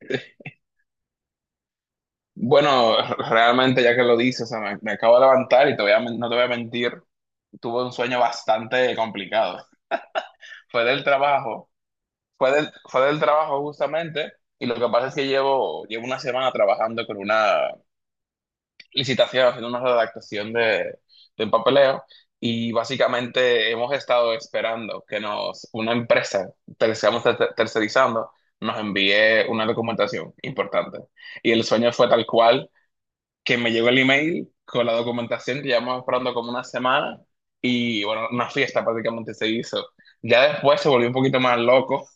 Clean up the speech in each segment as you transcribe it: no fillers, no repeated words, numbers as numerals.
este, Bueno, realmente ya que lo dices, o sea, me acabo de levantar y te voy a men- no te voy a mentir, tuve un sueño bastante complicado. Fue del trabajo, fue del trabajo justamente, y lo que pasa es que llevo una semana trabajando con una licitación, haciendo una redactación de un papeleo, y básicamente hemos estado esperando que nos, una empresa, estamos tercerizando, nos envíe una documentación importante. Y el sueño fue tal cual que me llegó el email con la documentación que llevamos esperando como una semana y bueno, una fiesta prácticamente se hizo. Ya después se volvió un poquito más loco,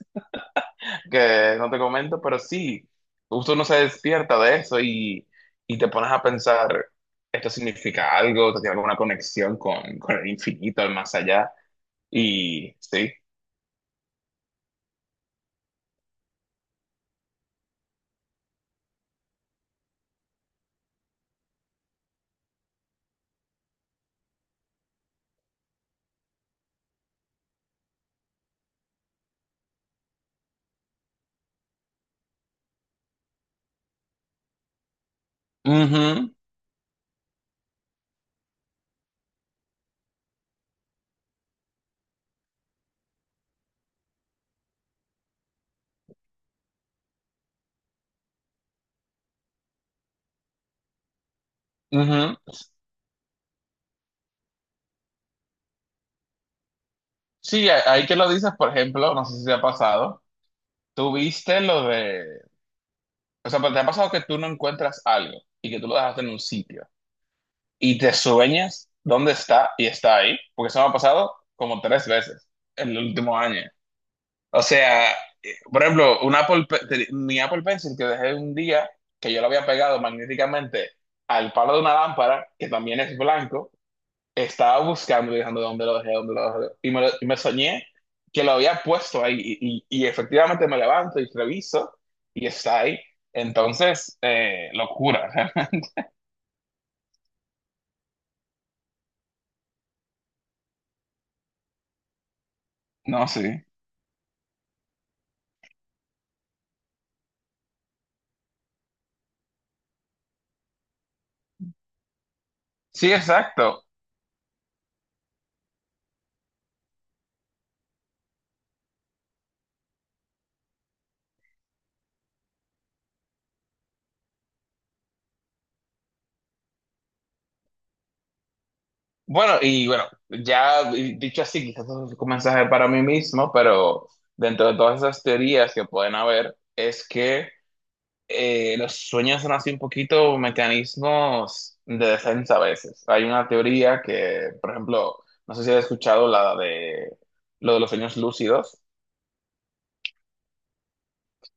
que no te comento, pero sí, justo uno se despierta de eso y te pones a pensar, esto significa algo, esto tiene alguna conexión con el infinito, el más allá, y sí. Ujú, ujú. Sí, ahí que lo dices, por ejemplo, no sé si te ha pasado, tuviste lo de, o sea, pero te ha pasado que tú no encuentras algo y que tú lo dejaste en un sitio y te sueñas dónde está y está ahí, porque eso me ha pasado como tres veces en el último año. O sea, por ejemplo, un Apple, Pe- te- mi Apple Pencil que dejé un día que yo lo había pegado magnéticamente al palo de una lámpara, que también es blanco, estaba buscando, y dejando dónde lo dejé, dónde lo dejé. Y y me soñé que lo había puesto ahí. Y efectivamente me levanto y reviso y está ahí. Entonces, locura. No, sí. Sí, exacto. Bueno, y bueno, ya dicho así, quizás eso es un mensaje para mí mismo, pero dentro de todas esas teorías que pueden haber, es que los sueños son así un poquito mecanismos de defensa a veces. Hay una teoría que, por ejemplo, no sé si has escuchado la de lo de los sueños lúcidos,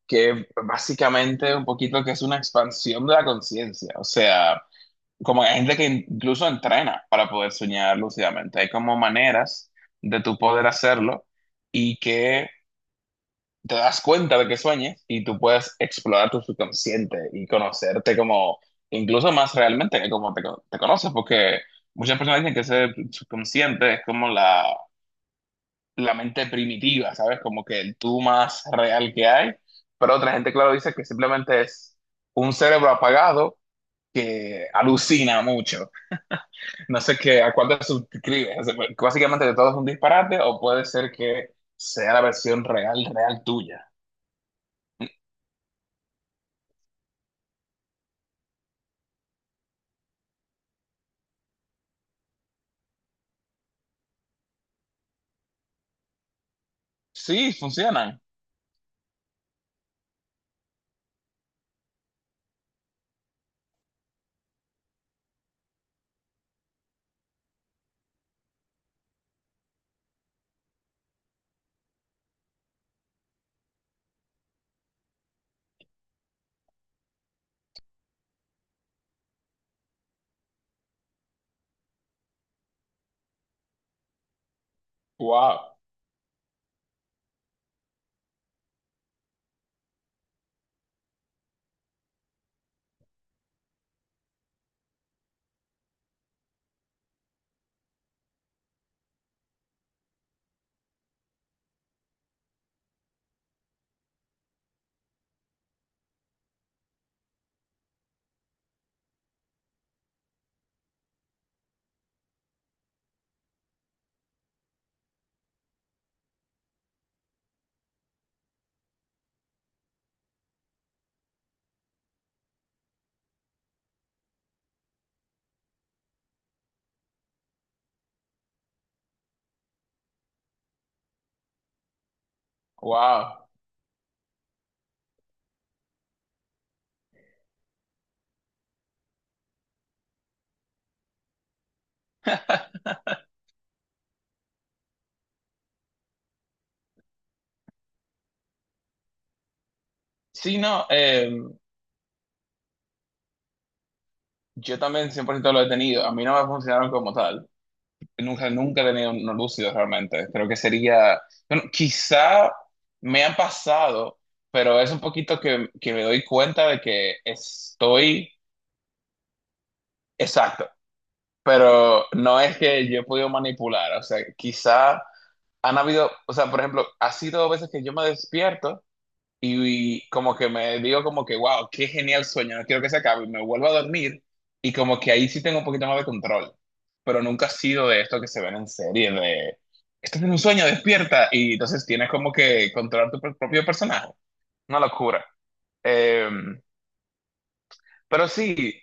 que básicamente un poquito que es una expansión de la conciencia. O sea, como hay gente que incluso entrena para poder soñar lúcidamente. Hay como maneras de tu poder hacerlo y que te das cuenta de que sueñas y tú puedes explorar tu subconsciente y conocerte como, incluso más realmente que como te conoces, porque muchas personas dicen que ese subconsciente es como la mente primitiva, ¿sabes? Como que el tú más real que hay, pero otra gente, claro, dice que simplemente es un cerebro apagado que alucina mucho. No sé qué, a cuál te suscribes, o sea, básicamente de todo es un disparate o puede ser que sea la versión real, real tuya. Sí, funcionan. Wow, wow. Sí, no, yo también 100% lo he tenido. A mí no me funcionaron como tal. Nunca, nunca he tenido unos lúcidos realmente. Creo que sería, bueno, quizá me han pasado, pero es un poquito que me doy cuenta de que estoy. Exacto. Pero no es que yo he podido manipular. O sea, quizá han habido, o sea, por ejemplo, ha sido veces que yo me despierto. Y como que me digo como que, wow, qué genial sueño, no quiero que se acabe. Y me vuelvo a dormir y como que ahí sí tengo un poquito más de control. Pero nunca ha sido de esto que se ven en serie, de, estás en un sueño, despierta. Y entonces tienes como que controlar tu propio personaje. Una locura. Eh, pero sí,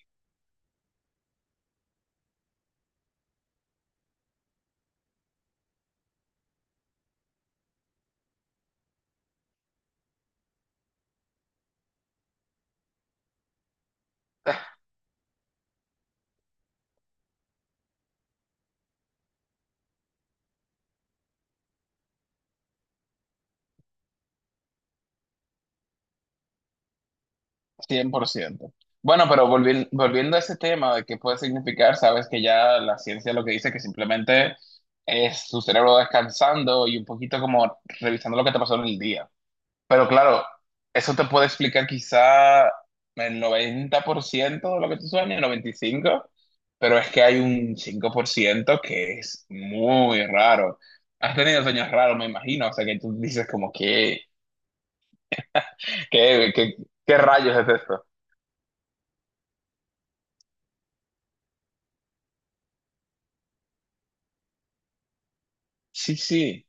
100%. Bueno, pero volviendo a ese tema de qué puede significar, sabes que ya la ciencia lo que dice que simplemente es tu cerebro descansando y un poquito como revisando lo que te pasó en el día. Pero claro, eso te puede explicar quizá el 90% de lo que tú sueñas, el 95%, pero es que hay un 5% que es muy raro. Has tenido sueños raros, me imagino, o sea que tú dices como que, ¿qué, qué, qué rayos es esto? Sí, sí,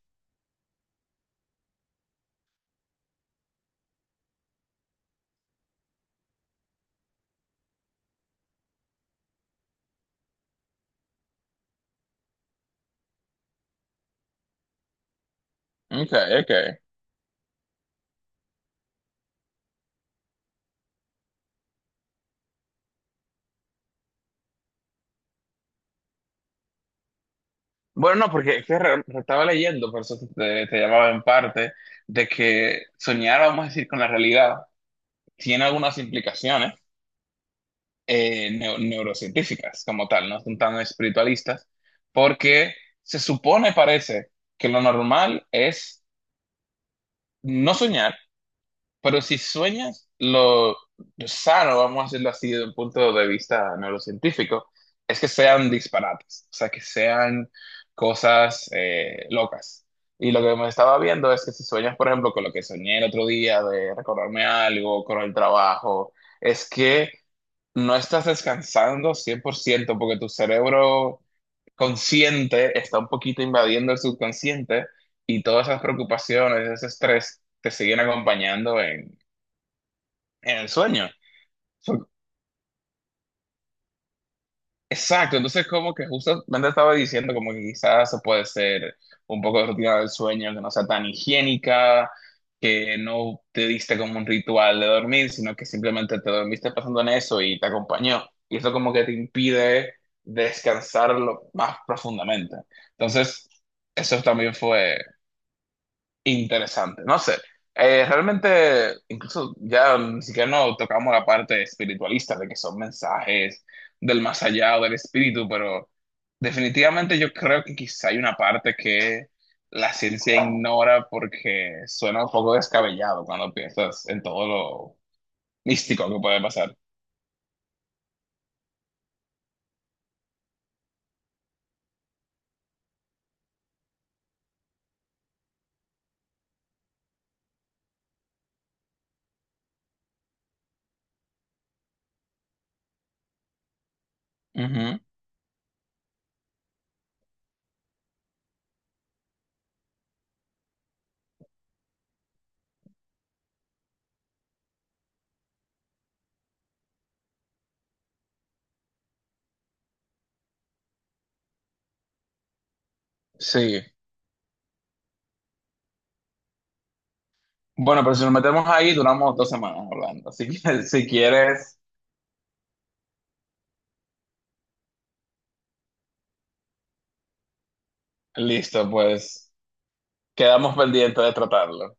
ok, ok. Bueno, no, porque es que estaba leyendo, por eso te llamaba en parte, de que soñar, vamos a decir, con la realidad tiene algunas implicaciones neurocientíficas como tal, no son tan espiritualistas, porque se supone, parece, que lo normal es no soñar, pero si sueñas, lo sano, vamos a hacerlo así desde un punto de vista neurocientífico, es que sean disparates, o sea, que sean cosas locas. Y lo que me estaba viendo es que si sueñas, por ejemplo, con lo que soñé el otro día de recordarme algo, con el trabajo, es que no estás descansando 100% porque tu cerebro consciente está un poquito invadiendo el subconsciente y todas esas preocupaciones, ese estrés te siguen acompañando en el sueño. So- Exacto, entonces como que justamente estaba diciendo como que quizás eso puede ser un poco de rutina del sueño que no sea tan higiénica, que no te diste como un ritual de dormir, sino que simplemente te dormiste pensando en eso y te acompañó. Y eso como que te impide descansarlo más profundamente. Entonces, eso también fue interesante, no sé. Realmente, incluso ya ni siquiera no tocamos la parte espiritualista de que son mensajes del más allá o del espíritu, pero definitivamente yo creo que quizá hay una parte que la ciencia ignora porque suena un poco descabellado cuando piensas en todo lo místico que puede pasar. Ujú, sí. Bueno, pero si nos metemos ahí, duramos 2 semanas hablando. Así que si quieres, listo, pues quedamos pendientes de tratarlo.